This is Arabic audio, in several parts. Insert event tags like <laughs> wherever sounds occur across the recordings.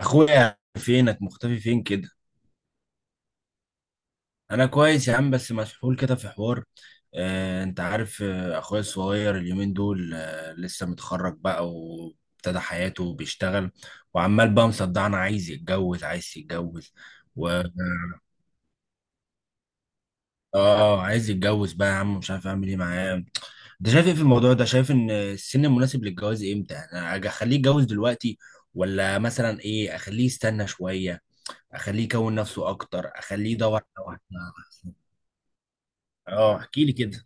اخويا فينك مختفي فين كده. انا كويس يا عم، بس مسحول كده في حوار. انت عارف، اخويا الصغير اليومين دول لسه متخرج بقى وابتدى حياته وبيشتغل، وعمال بقى مصدعنا عايز يتجوز عايز يتجوز. و اه آه، عايز يتجوز بقى يا عم، مش عارف اعمل ايه معاه. انت شايف ايه في الموضوع ده؟ شايف ان السن المناسب للجواز امتى يعني؟ أنا اخليه يتجوز دلوقتي، ولا مثلا ايه، اخليه يستنى شوية، اخليه يكون نفسه اكتر، اخليه يدور على واحده؟ احسن. اه احكي لي كده.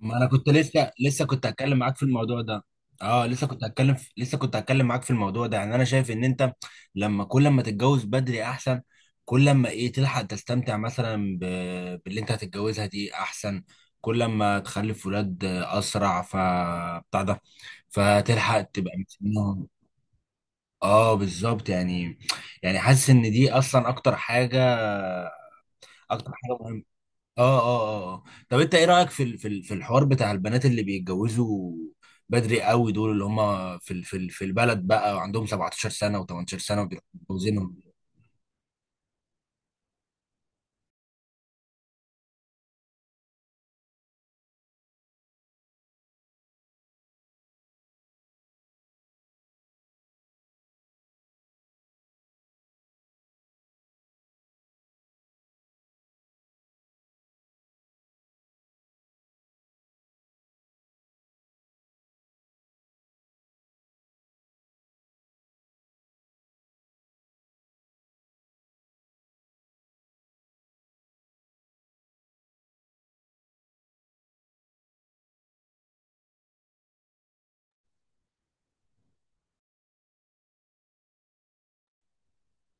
ما انا كنت لسه كنت هتكلم معاك في الموضوع ده. اه لسه كنت لسه كنت هتكلم معاك في الموضوع ده. يعني انا شايف ان انت لما كل ما تتجوز بدري احسن، كل ما تلحق تستمتع باللي انت هتتجوزها دي احسن، كل ما تخلف ولاد اسرع، ف بتاع ده فتلحق تبقى مستنيهم. اه بالظبط يعني. يعني حاسس ان دي اصلا اكتر حاجة، اكتر حاجه مهمه. اه اه اه آه. طب انت ايه رايك في الحوار بتاع البنات اللي بيتجوزوا بدري قوي دول، اللي هم في البلد بقى، وعندهم 17 سنه و18 سنه وبيتجوزينهم؟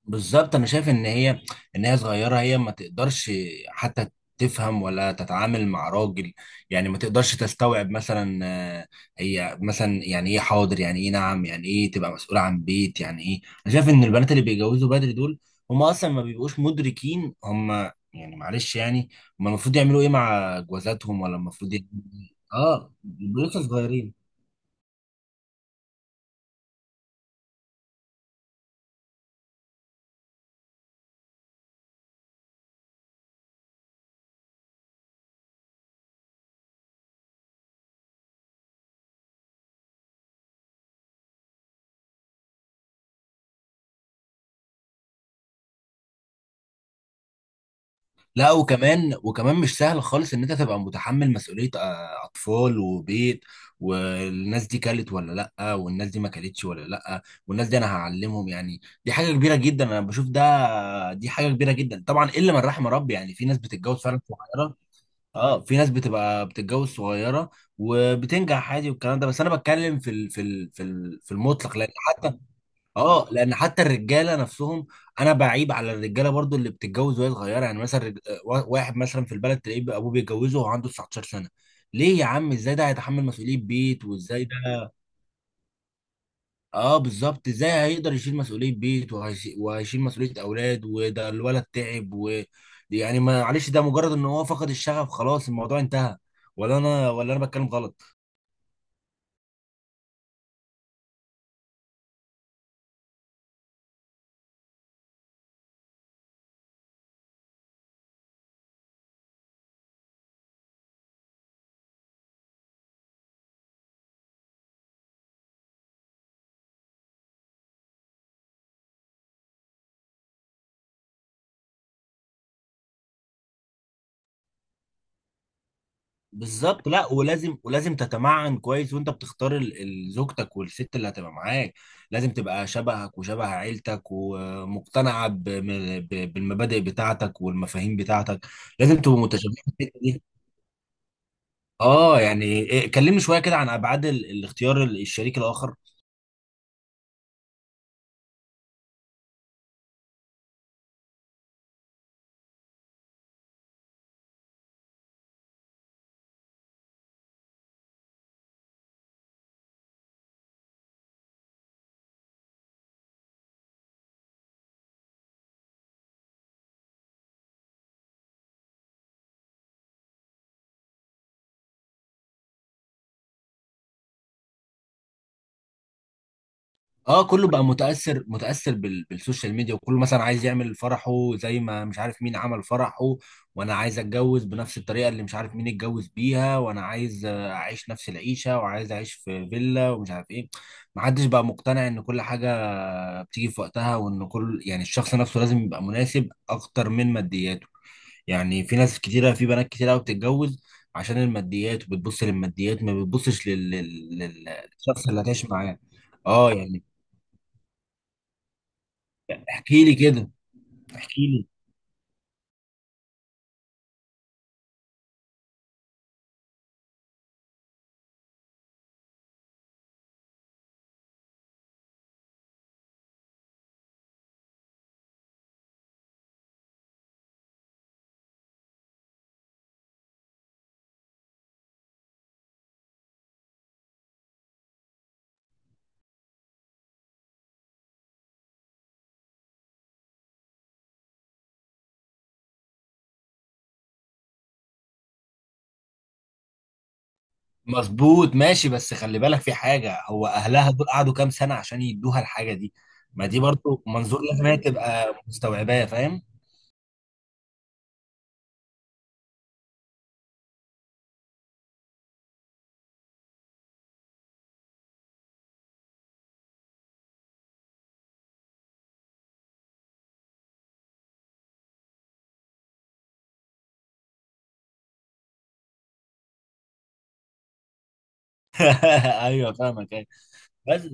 بالظبط، انا شايف ان هي، ان هي صغيره، هي ما تقدرش حتى تفهم ولا تتعامل مع راجل. يعني ما تقدرش تستوعب مثلا، آه، هي مثلا يعني ايه حاضر، يعني ايه نعم، يعني ايه تبقى مسؤول عن بيت. يعني ايه، انا شايف ان البنات اللي بيتجوزوا بدري دول هم اصلا ما بيبقوش مدركين هم يعني، معلش يعني، هم المفروض يعملوا ايه مع جوازاتهم، ولا المفروض يعملوا إيه؟ اه بيبقوا لسه صغيرين. لا، وكمان وكمان مش سهل خالص ان انت تبقى متحمل مسؤولية اطفال وبيت، والناس دي كلت ولا لا، والناس دي ما كلتش ولا لا، والناس دي انا هعلمهم. يعني دي حاجة كبيرة جدا، انا بشوف ده دي حاجة كبيرة جدا، طبعا الا من رحم ربي. يعني في ناس بتتجوز فعلا صغيرة، اه في ناس بتبقى بتتجوز صغيرة وبتنجح عادي والكلام ده، بس انا بتكلم في المطلق، لان حتى، اه لان حتى الرجاله نفسهم، انا بعيب على الرجاله برضو اللي بتتجوز وهي صغيره. يعني مثلا واحد مثلا في البلد تلاقيه بقى ابوه بيتجوزه وهو عنده 19 سنه. ليه يا عم؟ ازاي ده هيتحمل مسؤوليه بيت، وازاي ده <laughs> اه بالظبط، ازاي هيقدر يشيل مسؤوليه بيت وهيشيل مسؤوليه اولاد، وده الولد تعب و يعني معلش، ده مجرد ان هو فقد الشغف خلاص الموضوع انتهى. ولا انا بتكلم غلط؟ بالظبط، لا ولازم ولازم تتمعن كويس وانت بتختار زوجتك والست اللي هتبقى معاك. لازم تبقى شبهك وشبه عيلتك ومقتنعه بالمبادئ بتاعتك والمفاهيم بتاعتك، لازم تبقوا متشابهين في الحته دي. اه يعني إيه، كلمني شويه كده عن ابعاد الاختيار الشريك الاخر. اه كله بقى متأثر بالسوشيال ميديا، وكله مثلا عايز يعمل فرحه زي ما مش عارف مين عمل فرحه، وانا عايز اتجوز بنفس الطريقة اللي مش عارف مين اتجوز بيها، وانا عايز اعيش نفس العيشة، وعايز اعيش في فيلا ومش عارف ايه. محدش بقى مقتنع ان كل حاجة بتيجي في وقتها، وان كل يعني الشخص نفسه لازم يبقى مناسب اكتر من مادياته. يعني في ناس كتيرة في بنات كتيرة قوي بتتجوز عشان الماديات، وبتبص للماديات ما للشخص اللي هتعيش معاه. اه يعني احكي لي كده، احكي لي. مظبوط ماشي، بس خلي بالك في حاجة، هو أهلها دول قعدوا كام سنة عشان يدوها الحاجة دي؟ ما دي برضو منظور لازم هي تبقى مستوعباه، فاهم؟ <laughs> أيوه فاهمك، أيوه. بس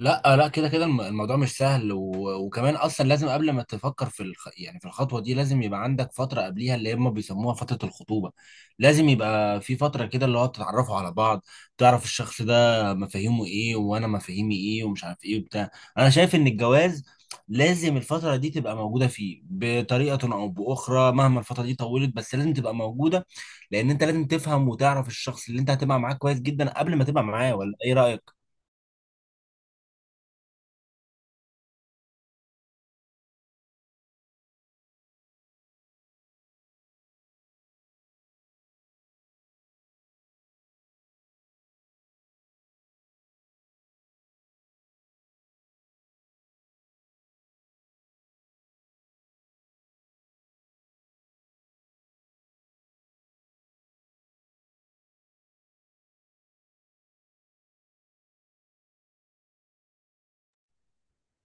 لا لا، كده كده الموضوع مش سهل، و... وكمان اصلا لازم قبل ما تفكر في يعني في الخطوه دي لازم يبقى عندك فتره قبليها اللي هم بيسموها فتره الخطوبه. لازم يبقى في فتره كده اللي هو تتعرفوا على بعض، تعرف الشخص ده مفاهيمه ايه وانا مفاهيمي ايه، ومش عارف ايه وبتاع. انا شايف ان الجواز لازم الفتره دي تبقى موجوده فيه بطريقه او باخرى، مهما الفتره دي طولت بس لازم تبقى موجوده، لان انت لازم تفهم وتعرف الشخص اللي انت هتبقى معاه كويس جدا قبل ما تبقى معاه. ولا ايه رايك؟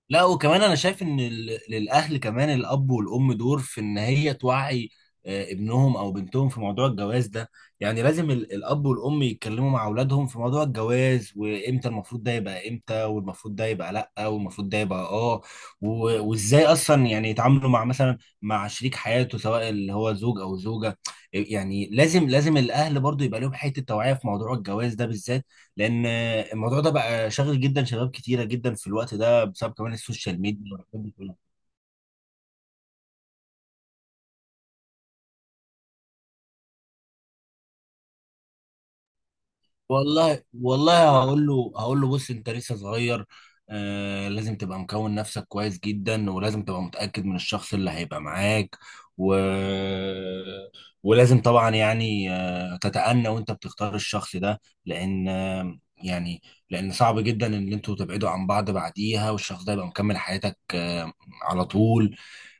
لا وكمان انا شايف ان للاهل كمان الاب والام دور في ان هي توعي ابنهم او بنتهم في موضوع الجواز ده. يعني لازم الاب والام يتكلموا مع اولادهم في موضوع الجواز، وامتى المفروض ده يبقى امتى، والمفروض ده يبقى لا، والمفروض ده يبقى اه، وازاي اصلا يعني يتعاملوا مع مثلا مع شريك حياته سواء اللي هو زوج او زوجة. يعني لازم لازم الاهل برضو يبقى لهم حتة توعية في موضوع الجواز ده بالذات، لان الموضوع ده بقى شاغل جدا شباب كتيره جدا في الوقت ده بسبب كمان السوشيال ميديا والحاجات دي كلها. والله والله، هقول له هقول له: بص انت لسه صغير، آه لازم تبقى مكون نفسك كويس جدا، ولازم تبقى متاكد من الشخص اللي هيبقى معاك، و... <laughs> ولازم طبعا يعني تتأنى وانت بتختار الشخص ده، لان يعني، لان صعب جدا ان انتوا تبعدوا عن بعض بعديها، والشخص ده يبقى مكمل حياتك على طول.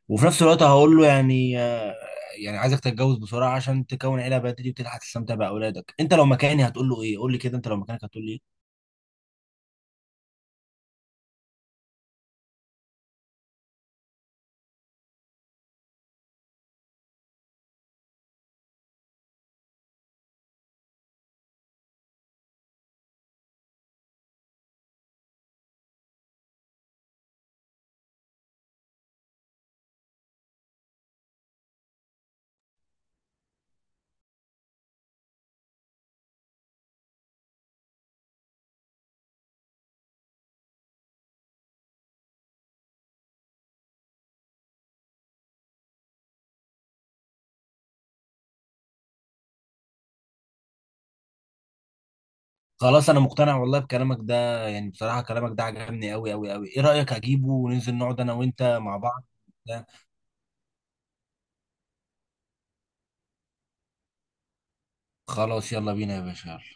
وفي نفس الوقت هقول له يعني يعني عايزك تتجوز بسرعه عشان تكون عيله بدري وتلحق تستمتع باولادك. انت لو مكاني هتقول له ايه؟ قول لي كده، انت لو مكانك هتقول لي ايه؟ خلاص انا مقتنع والله بكلامك ده، يعني بصراحه كلامك ده عجبني قوي قوي قوي. ايه رايك اجيبه وننزل نقعد انا وانت مع بعض؟ خلاص يلا بينا يا باشا.